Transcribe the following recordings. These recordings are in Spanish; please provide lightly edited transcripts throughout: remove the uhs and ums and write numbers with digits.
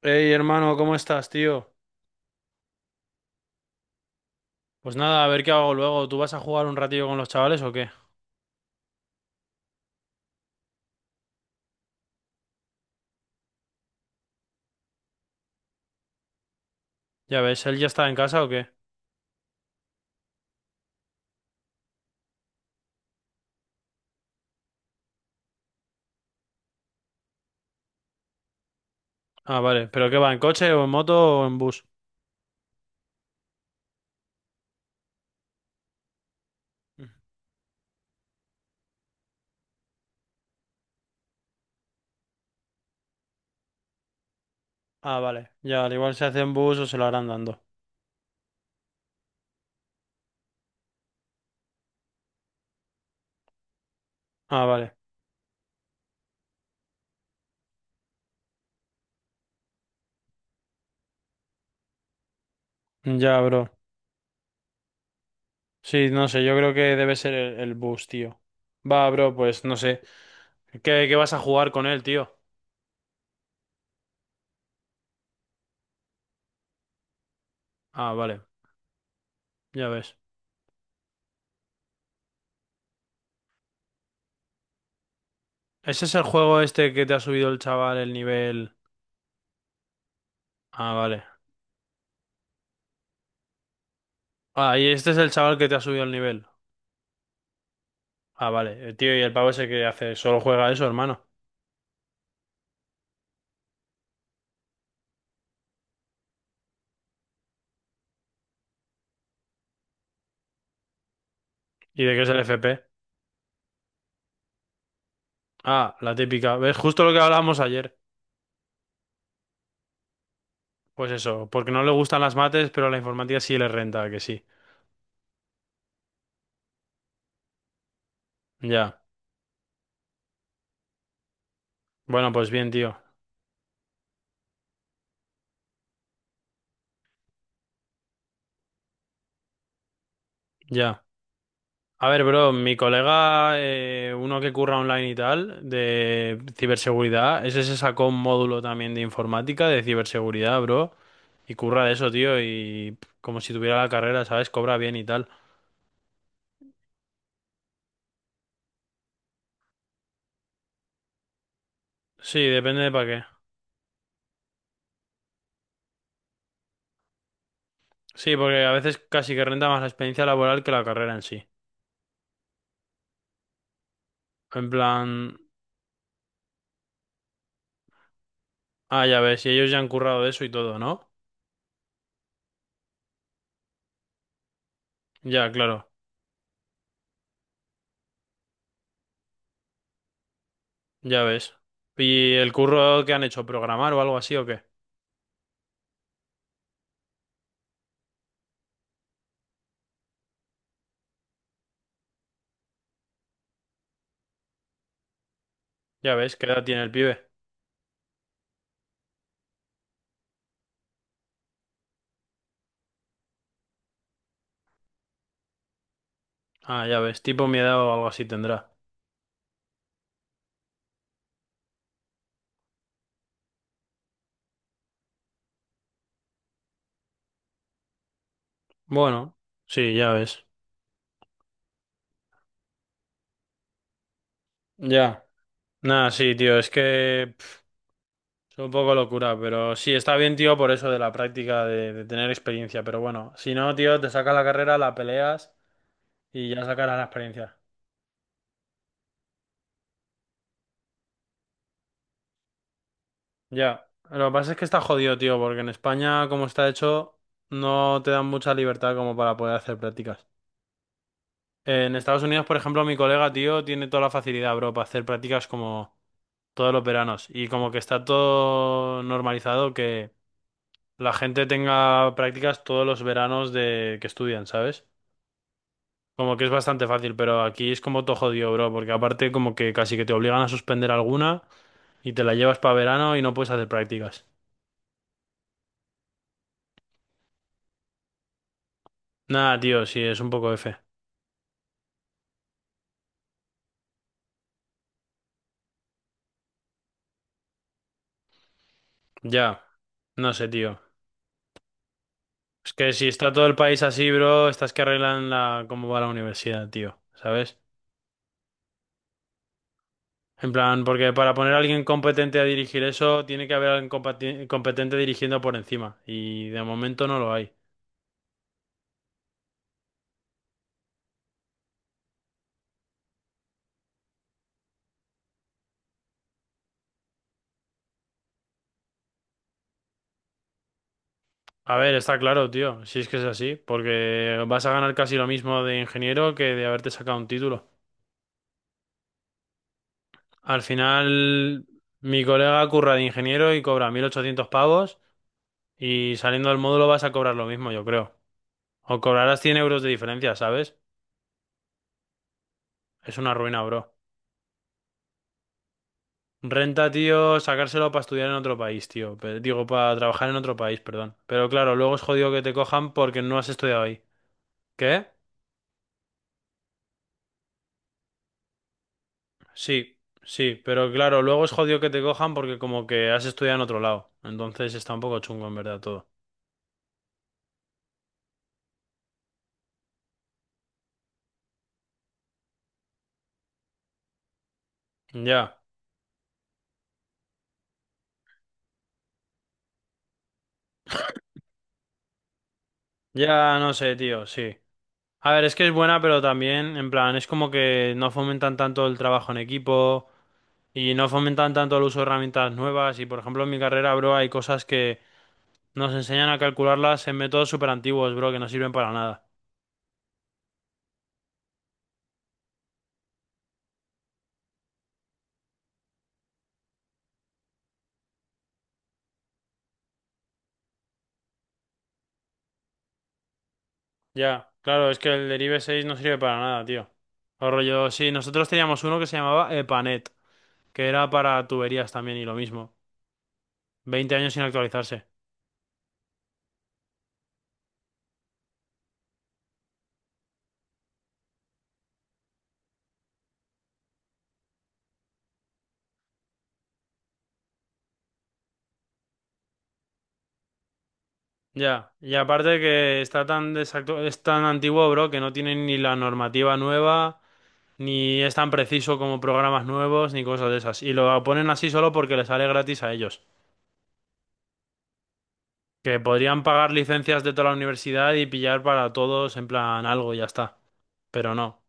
Hey, hermano, ¿cómo estás, tío? Pues nada, a ver qué hago luego. ¿Tú vas a jugar un ratillo con los chavales o qué? Ya ves, ¿él ya está en casa o qué? Ah, vale. ¿Pero qué va, en coche o en moto o en bus? Ah, vale. Ya, al igual se hace en bus o se lo harán dando. Ah, vale. Ya, bro. Sí, no sé, yo creo que debe ser el bus, tío. Va, bro, pues no sé. ¿Qué vas a jugar con él, tío? Ah, vale. Ya ves. ¿Ese es el juego este que te ha subido el chaval el nivel? Ah, vale. Ah, y este es el chaval que te ha subido el nivel. Ah, vale. El tío, ¿y el pavo ese que hace? Solo juega eso, hermano. ¿Y de qué es el FP? Ah, la típica. ¿Ves? Justo lo que hablábamos ayer. Pues eso, porque no le gustan las mates, pero la informática sí le renta, que sí. Ya. Bueno, pues bien, tío. Ya. A ver, bro, mi colega, uno que curra online y tal, de ciberseguridad, ese se sacó un módulo también de informática, de ciberseguridad, bro. Y curra de eso, tío, y pff, como si tuviera la carrera, ¿sabes? Cobra bien y tal. Sí, depende de para qué. Sí, porque a veces casi que renta más la experiencia laboral que la carrera en sí. En plan, ah, ya ves, y ellos ya han currado de eso y todo, ¿no? Ya, claro, ya ves. ¿Y el curro que han hecho? ¿Programar o algo así o qué? Ya ves, ¿qué edad tiene el pibe? Ah, ya ves, tipo mi edad o algo así tendrá. Bueno, sí, ya ves. Ya. Nada, sí, tío, es que pf, es un poco locura, pero sí, está bien, tío, por eso de la práctica, de tener experiencia, pero bueno, si no, tío, te sacas la carrera, la peleas y ya sacarás la experiencia. Ya, lo que pasa es que está jodido, tío, porque en España, como está hecho, no te dan mucha libertad como para poder hacer prácticas. En Estados Unidos, por ejemplo, mi colega, tío, tiene toda la facilidad, bro, para hacer prácticas como todos los veranos. Y como que está todo normalizado que la gente tenga prácticas todos los veranos de que estudian, ¿sabes? Como que es bastante fácil, pero aquí es como todo jodido, bro, porque aparte como que casi que te obligan a suspender alguna y te la llevas para verano y no puedes hacer prácticas. Nada, tío, sí, es un poco F. Ya, no sé, tío. Es que si está todo el país así, bro, estás que arreglan la cómo va la universidad, tío, ¿sabes? En plan, porque para poner a alguien competente a dirigir eso, tiene que haber alguien competente dirigiendo por encima. Y de momento no lo hay. A ver, está claro, tío, si es que es así, porque vas a ganar casi lo mismo de ingeniero que de haberte sacado un título. Al final, mi colega curra de ingeniero y cobra 1800 pavos y saliendo del módulo vas a cobrar lo mismo, yo creo. O cobrarás 100 euros de diferencia, ¿sabes? Es una ruina, bro. Renta, tío, sacárselo para estudiar en otro país, tío. Pe- Digo, para trabajar en otro país, perdón. Pero claro, luego es jodido que te cojan porque no has estudiado ahí. ¿Qué? Sí, sí, pero claro, luego es jodido que te cojan porque como que has estudiado en otro lado. Entonces está un poco chungo, en verdad, todo. Ya, ya no sé, tío, sí. A ver, es que es buena, pero también, en plan, es como que no fomentan tanto el trabajo en equipo. Y no fomentan tanto el uso de herramientas nuevas. Y por ejemplo, en mi carrera, bro, hay cosas que nos enseñan a calcularlas en métodos súper antiguos, bro, que no sirven para nada. Ya, claro, es que el derive 6 no sirve para nada, tío. O rollo, sí, nosotros teníamos uno que se llamaba EPANET, que era para tuberías también y lo mismo. 20 años sin actualizarse. Ya, y aparte que está tan es tan antiguo, bro, que no tiene ni la normativa nueva, ni es tan preciso como programas nuevos, ni cosas de esas. Y lo ponen así solo porque les sale gratis a ellos. Que podrían pagar licencias de toda la universidad y pillar para todos en plan algo, y ya está. Pero no.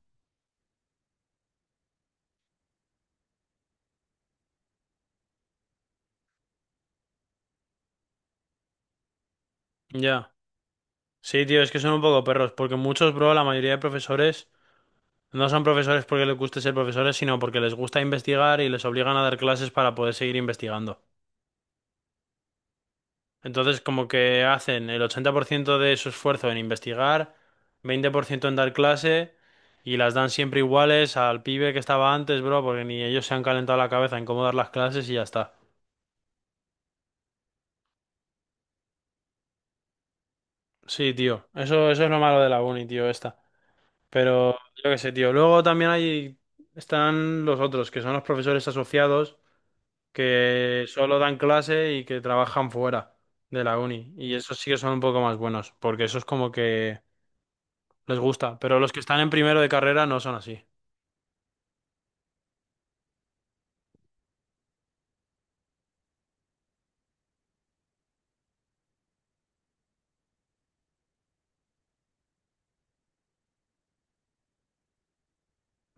Ya. Sí, tío, es que son un poco perros, porque muchos, bro, la mayoría de profesores no son profesores porque les guste ser profesores, sino porque les gusta investigar y les obligan a dar clases para poder seguir investigando. Entonces, como que hacen el 80% de su esfuerzo en investigar, 20% en dar clase, y las dan siempre iguales al pibe que estaba antes, bro, porque ni ellos se han calentado la cabeza en cómo dar las clases y ya está. Sí, tío. Eso es lo malo de la uni, tío, esta. Pero yo qué sé, tío. Luego también hay, están los otros, que son los profesores asociados, que solo dan clase y que trabajan fuera de la uni. Y esos sí que son un poco más buenos, porque eso es como que les gusta. Pero los que están en primero de carrera no son así.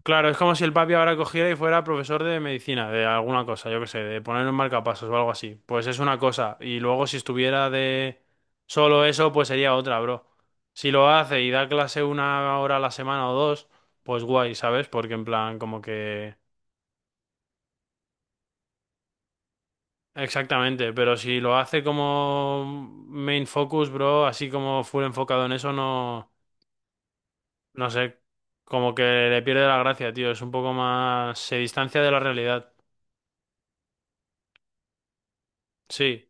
Claro, es como si el papi ahora cogiera y fuera profesor de medicina, de alguna cosa, yo qué sé, de poner un marcapasos o algo así. Pues es una cosa. Y luego si estuviera de solo eso, pues sería otra, bro. Si lo hace y da clase una hora a la semana o dos, pues guay, ¿sabes? Porque en plan, como que... Exactamente, pero si lo hace como main focus, bro, así como full enfocado en eso, no... No sé, como que le pierde la gracia, tío. Es un poco más... Se distancia de la realidad. Sí.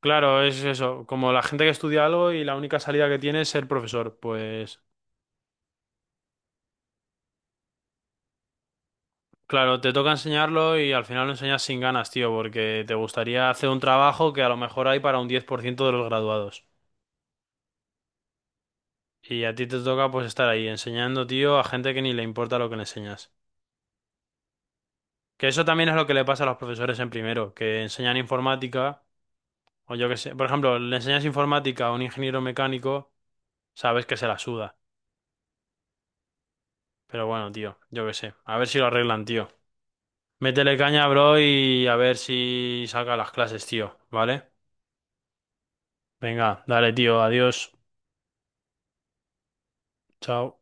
Claro, es eso, como la gente que estudia algo y la única salida que tiene es ser profesor, pues claro, te toca enseñarlo y al final lo enseñas sin ganas, tío, porque te gustaría hacer un trabajo que a lo mejor hay para un 10% de los graduados. Y a ti te toca pues estar ahí enseñando, tío, a gente que ni le importa lo que le enseñas. Que eso también es lo que le pasa a los profesores en primero, que enseñan informática, o yo qué sé, por ejemplo, le enseñas informática a un ingeniero mecánico, sabes que se la suda. Pero bueno, tío, yo qué sé, a ver si lo arreglan, tío. Métele caña, bro, y a ver si saca las clases, tío, ¿vale? Venga, dale, tío, adiós. Chao.